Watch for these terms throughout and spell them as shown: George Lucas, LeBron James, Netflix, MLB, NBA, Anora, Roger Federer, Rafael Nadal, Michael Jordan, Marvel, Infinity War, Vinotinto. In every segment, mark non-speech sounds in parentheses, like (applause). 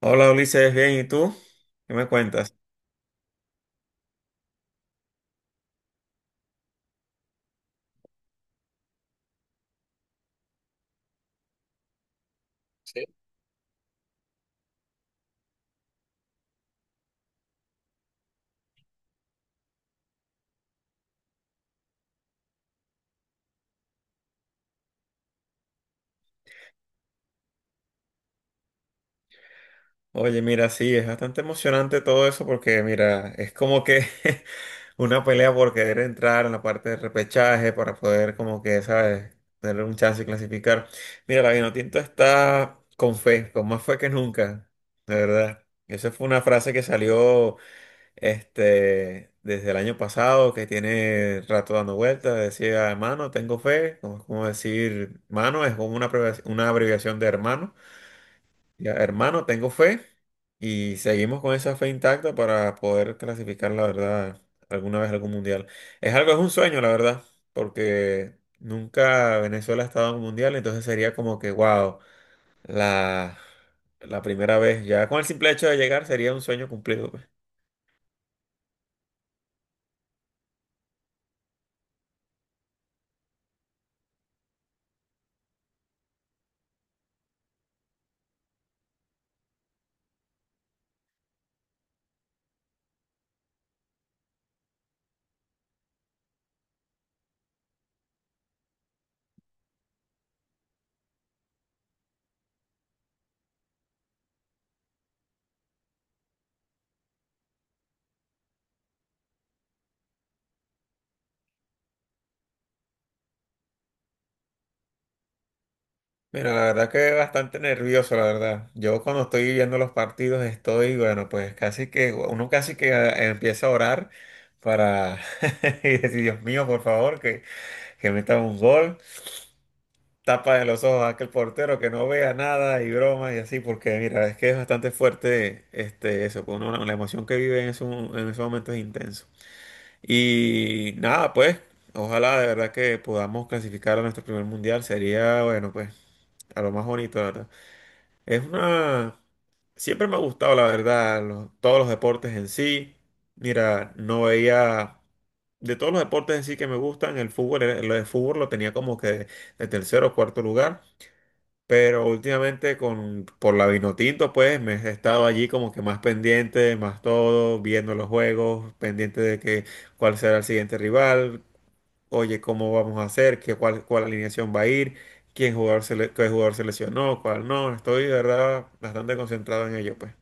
Hola Ulises, bien, ¿y tú? ¿Qué me cuentas? Sí. Oye, mira, sí, es bastante emocionante todo eso porque, mira, es como que (laughs) una pelea por querer entrar en la parte de repechaje para poder, como que, ¿sabes?, tener un chance y clasificar. Mira, la Vinotinto está con fe, con más fe que nunca, de verdad. Esa fue una frase que salió. Desde el año pasado que tiene rato dando vueltas, decía hermano, tengo fe, como, es como decir mano, es como una abreviación de hermano. Ya, hermano, tengo fe y seguimos con esa fe intacta para poder clasificar, la verdad, alguna vez a algún mundial. Es algo, es un sueño, la verdad, porque nunca Venezuela ha estado en un mundial, entonces sería como que, wow, la, la primera vez, ya con el simple hecho de llegar sería un sueño cumplido, pues. Mira, la verdad que bastante nervioso, la verdad. Yo cuando estoy viendo los partidos estoy, bueno, pues casi que, uno casi que empieza a orar para (laughs) y decir, Dios mío, por favor, que meta un gol, tapa de los ojos a aquel portero que no vea nada y bromas y así, porque mira, es que es bastante fuerte eso, pues, uno, la emoción que vive en esos momentos es intenso. Y nada, pues, ojalá de verdad que podamos clasificar a nuestro primer mundial, sería, bueno, pues, a lo más bonito, la verdad. Es una... Siempre me ha gustado, la verdad, todos los deportes en sí. Mira, no veía... De todos los deportes en sí que me gustan, el fútbol, el lo fútbol lo tenía como que de tercero o cuarto lugar. Pero últimamente con, por la Vinotinto, pues me he estado allí como que más pendiente, más todo, viendo los juegos, pendiente de que cuál será el siguiente rival, oye, ¿cómo vamos a hacer? ¿Qué, cuál alineación va a ir? ¿Quién jugador se le- qué jugador se lesionó? ¿Cuál no? Estoy, de verdad, bastante concentrado en ello, pues.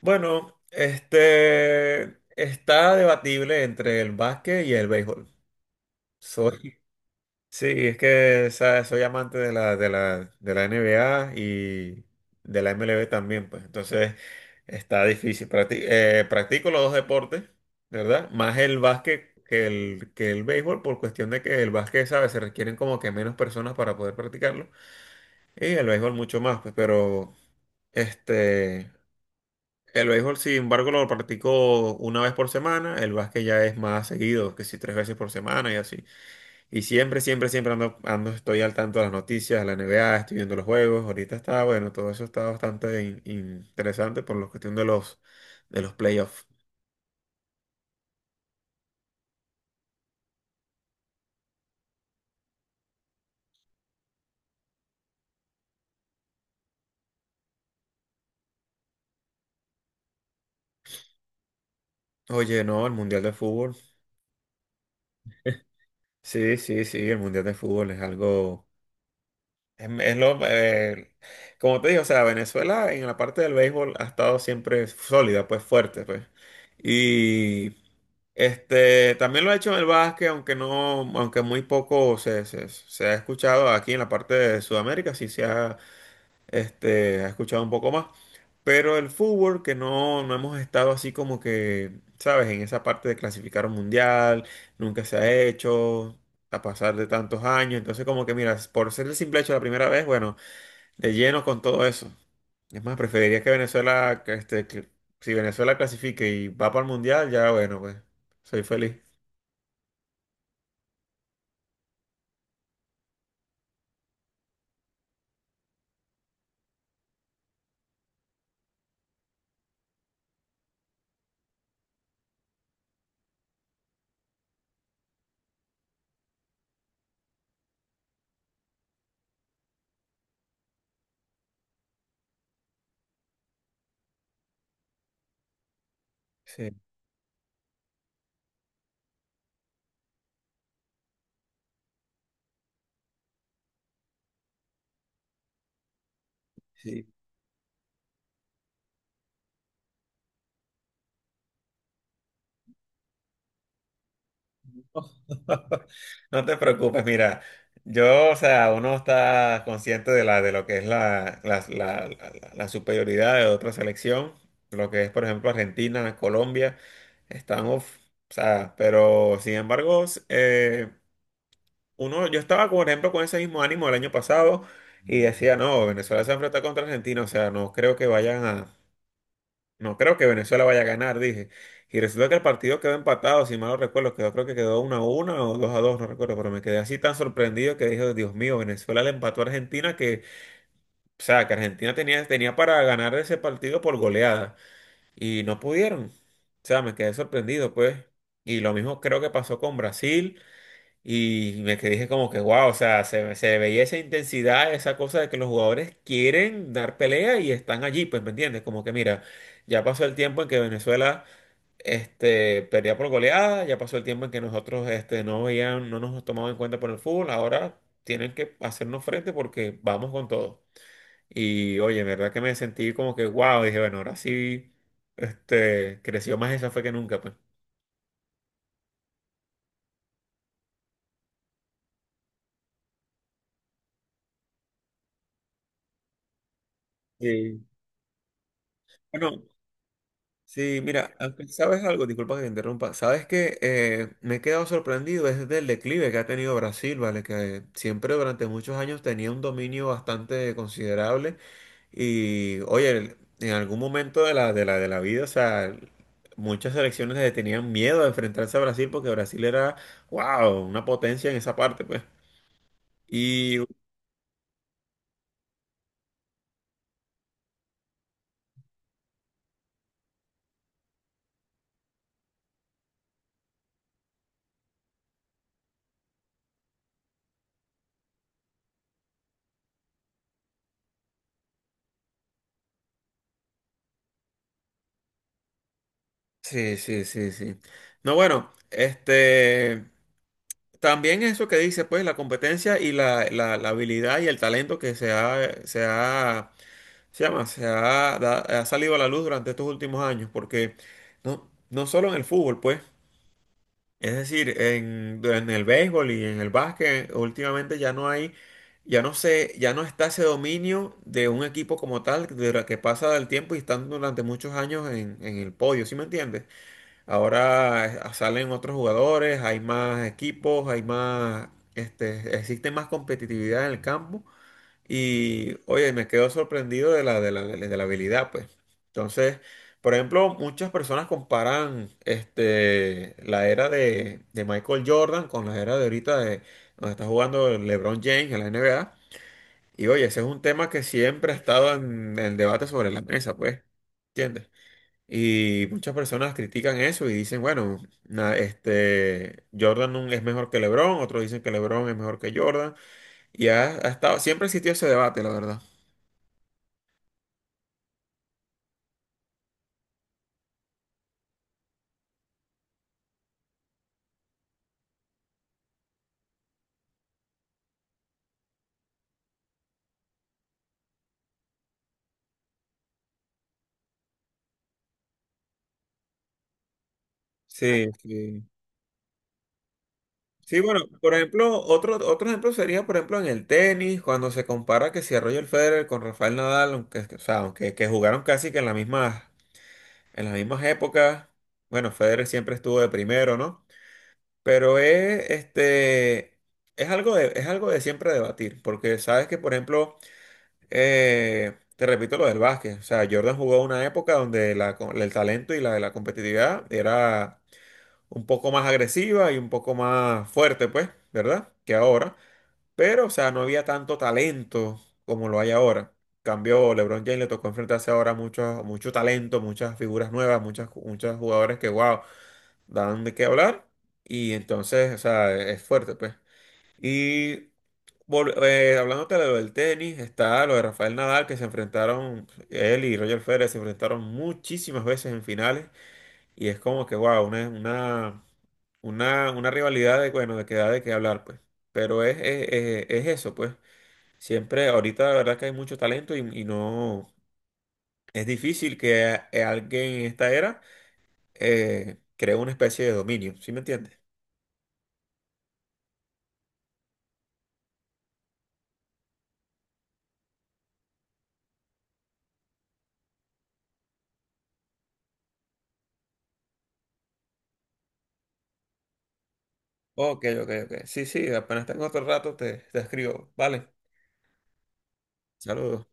Bueno, está debatible entre el básquet y el béisbol. Soy, Sí, es que ¿sabes? Soy amante de la NBA y de la MLB también, pues. Entonces está difícil. Practico los dos deportes, ¿verdad? Más el básquet que el béisbol, por cuestión de que el básquet, ¿sabes? Se requieren como que menos personas para poder practicarlo. Y el béisbol mucho más, pues. Pero este, el béisbol, sin embargo, lo practico una vez por semana. El básquet ya es más seguido, que si tres veces por semana y así. Y siempre, siempre, siempre ando, estoy al tanto de las noticias, de la NBA, estoy viendo los juegos. Ahorita está, bueno, todo eso está bastante interesante por la cuestión de los playoffs. Oye, no, el Mundial de Fútbol. Sí, sí, sí, el Mundial de Fútbol es algo, es, es lo, eh, como te digo, o sea, Venezuela en la parte del béisbol ha estado siempre sólida, pues fuerte, pues. Y también lo ha hecho en el básquet, aunque no, aunque muy poco se ha escuchado aquí en la parte de Sudamérica, sí se ha, ha escuchado un poco más. Pero el fútbol, que no, no hemos estado así como que, ¿sabes? En esa parte de clasificar un mundial, nunca se ha hecho, a pasar de tantos años. Entonces, como que, mira, por ser el simple hecho de la primera vez, bueno, de lleno con todo eso. Es más, preferiría que Venezuela, que si Venezuela clasifique y va para el mundial, ya bueno, pues, soy feliz. Sí, sí. (laughs) No te preocupes, mira, yo, o sea, uno está consciente de la, de lo que es la, la, la- la- la superioridad de otra selección, lo que es, por ejemplo, Argentina, Colombia, están, uf, o sea, pero sin embargo, uno, yo estaba, por ejemplo, con ese mismo ánimo el año pasado y decía, no, Venezuela se enfrenta contra Argentina, o sea, no creo que vayan a No creo que Venezuela vaya a ganar, dije. Y resulta que el partido quedó empatado, si mal no recuerdo, quedó, creo que quedó 1-1 o 2-2 no recuerdo, pero me quedé así tan sorprendido que dije, Dios mío, Venezuela le empató a Argentina que, o sea, que Argentina tenía, tenía para ganar ese partido por goleada y no pudieron. O sea, me quedé sorprendido, pues. Y lo mismo creo que pasó con Brasil. Y me quedé dije como que, wow, o sea, se veía esa intensidad, esa cosa de que los jugadores quieren dar pelea y están allí, pues, ¿me entiendes? Como que, mira, ya pasó el tiempo en que Venezuela, perdía por goleada, ya pasó el tiempo en que nosotros, no veían, no nos tomaban en cuenta por el fútbol, ahora tienen que hacernos frente porque vamos con todo. Y, oye, en verdad que me sentí como que, wow, dije, bueno, ahora sí, creció más esa fe que nunca, pues. Sí. Bueno, sí, mira, aunque sabes algo, disculpa que te interrumpa, sabes que me he quedado sorprendido es del declive que ha tenido Brasil, ¿vale? Que siempre durante muchos años tenía un dominio bastante considerable y, oye, en algún momento de la vida, o sea, muchas selecciones le tenían miedo a enfrentarse a Brasil porque Brasil era, wow, una potencia en esa parte, pues. Y sí, sí, sí, sí. No, bueno, este... También eso que dice, pues, la competencia y la, la habilidad y el talento que se ha, se ha, se llama, se ha, ha salido a la luz durante estos últimos años, porque no, no solo en el fútbol, pues, es decir, en el béisbol y en el básquet, últimamente ya no hay, ya no se, ya no está ese dominio de un equipo como tal, de la que pasa el tiempo y están durante muchos años en el podio, ¿sí me entiendes? Ahora salen otros jugadores, hay más equipos, hay más, existe más competitividad en el campo y, oye, me quedo sorprendido de la habilidad, pues. Entonces, por ejemplo, muchas personas comparan, la era de Michael Jordan con la era de ahorita de donde está jugando LeBron James en la NBA. Y, oye, ese es un tema que siempre ha estado en el debate sobre la mesa, pues. ¿Entiendes? Y muchas personas critican eso y dicen, bueno, Jordan es mejor que LeBron, otros dicen que LeBron es mejor que Jordan, y ha, ha estado, siempre existió ese debate, la verdad. Sí, sí. Sí, bueno, por ejemplo, otro, otro ejemplo sería, por ejemplo, en el tenis, cuando se compara que si a Roger Federer con Rafael Nadal, aunque, o sea, aunque que jugaron casi que en las mismas épocas, bueno, Federer siempre estuvo de primero, ¿no? Pero es, es algo de siempre debatir, porque sabes que, por ejemplo, te repito lo del básquet, o sea, Jordan jugó una época donde la el talento y la competitividad era un poco más agresiva y un poco más fuerte, pues, ¿verdad? Que ahora, pero, o sea, no había tanto talento como lo hay ahora. Cambió, LeBron James le tocó enfrentarse ahora a mucho, mucho talento, muchas figuras nuevas, muchos jugadores que, wow dan de qué hablar y entonces, o sea, es fuerte, pues. Y hablándote de lo del tenis, está lo de Rafael Nadal, que se enfrentaron, él y Roger Federer se enfrentaron muchísimas veces en finales y es como que, wow, una, una rivalidad de, bueno, de que da de qué hablar, pues. Pero es eso, pues. Siempre, ahorita la verdad que hay mucho talento y no, es difícil que alguien en esta era cree una especie de dominio, ¿sí me entiendes? Ok, ok, ok. Sí, sí, apenas tengo otro rato, te escribo. Vale, saludos.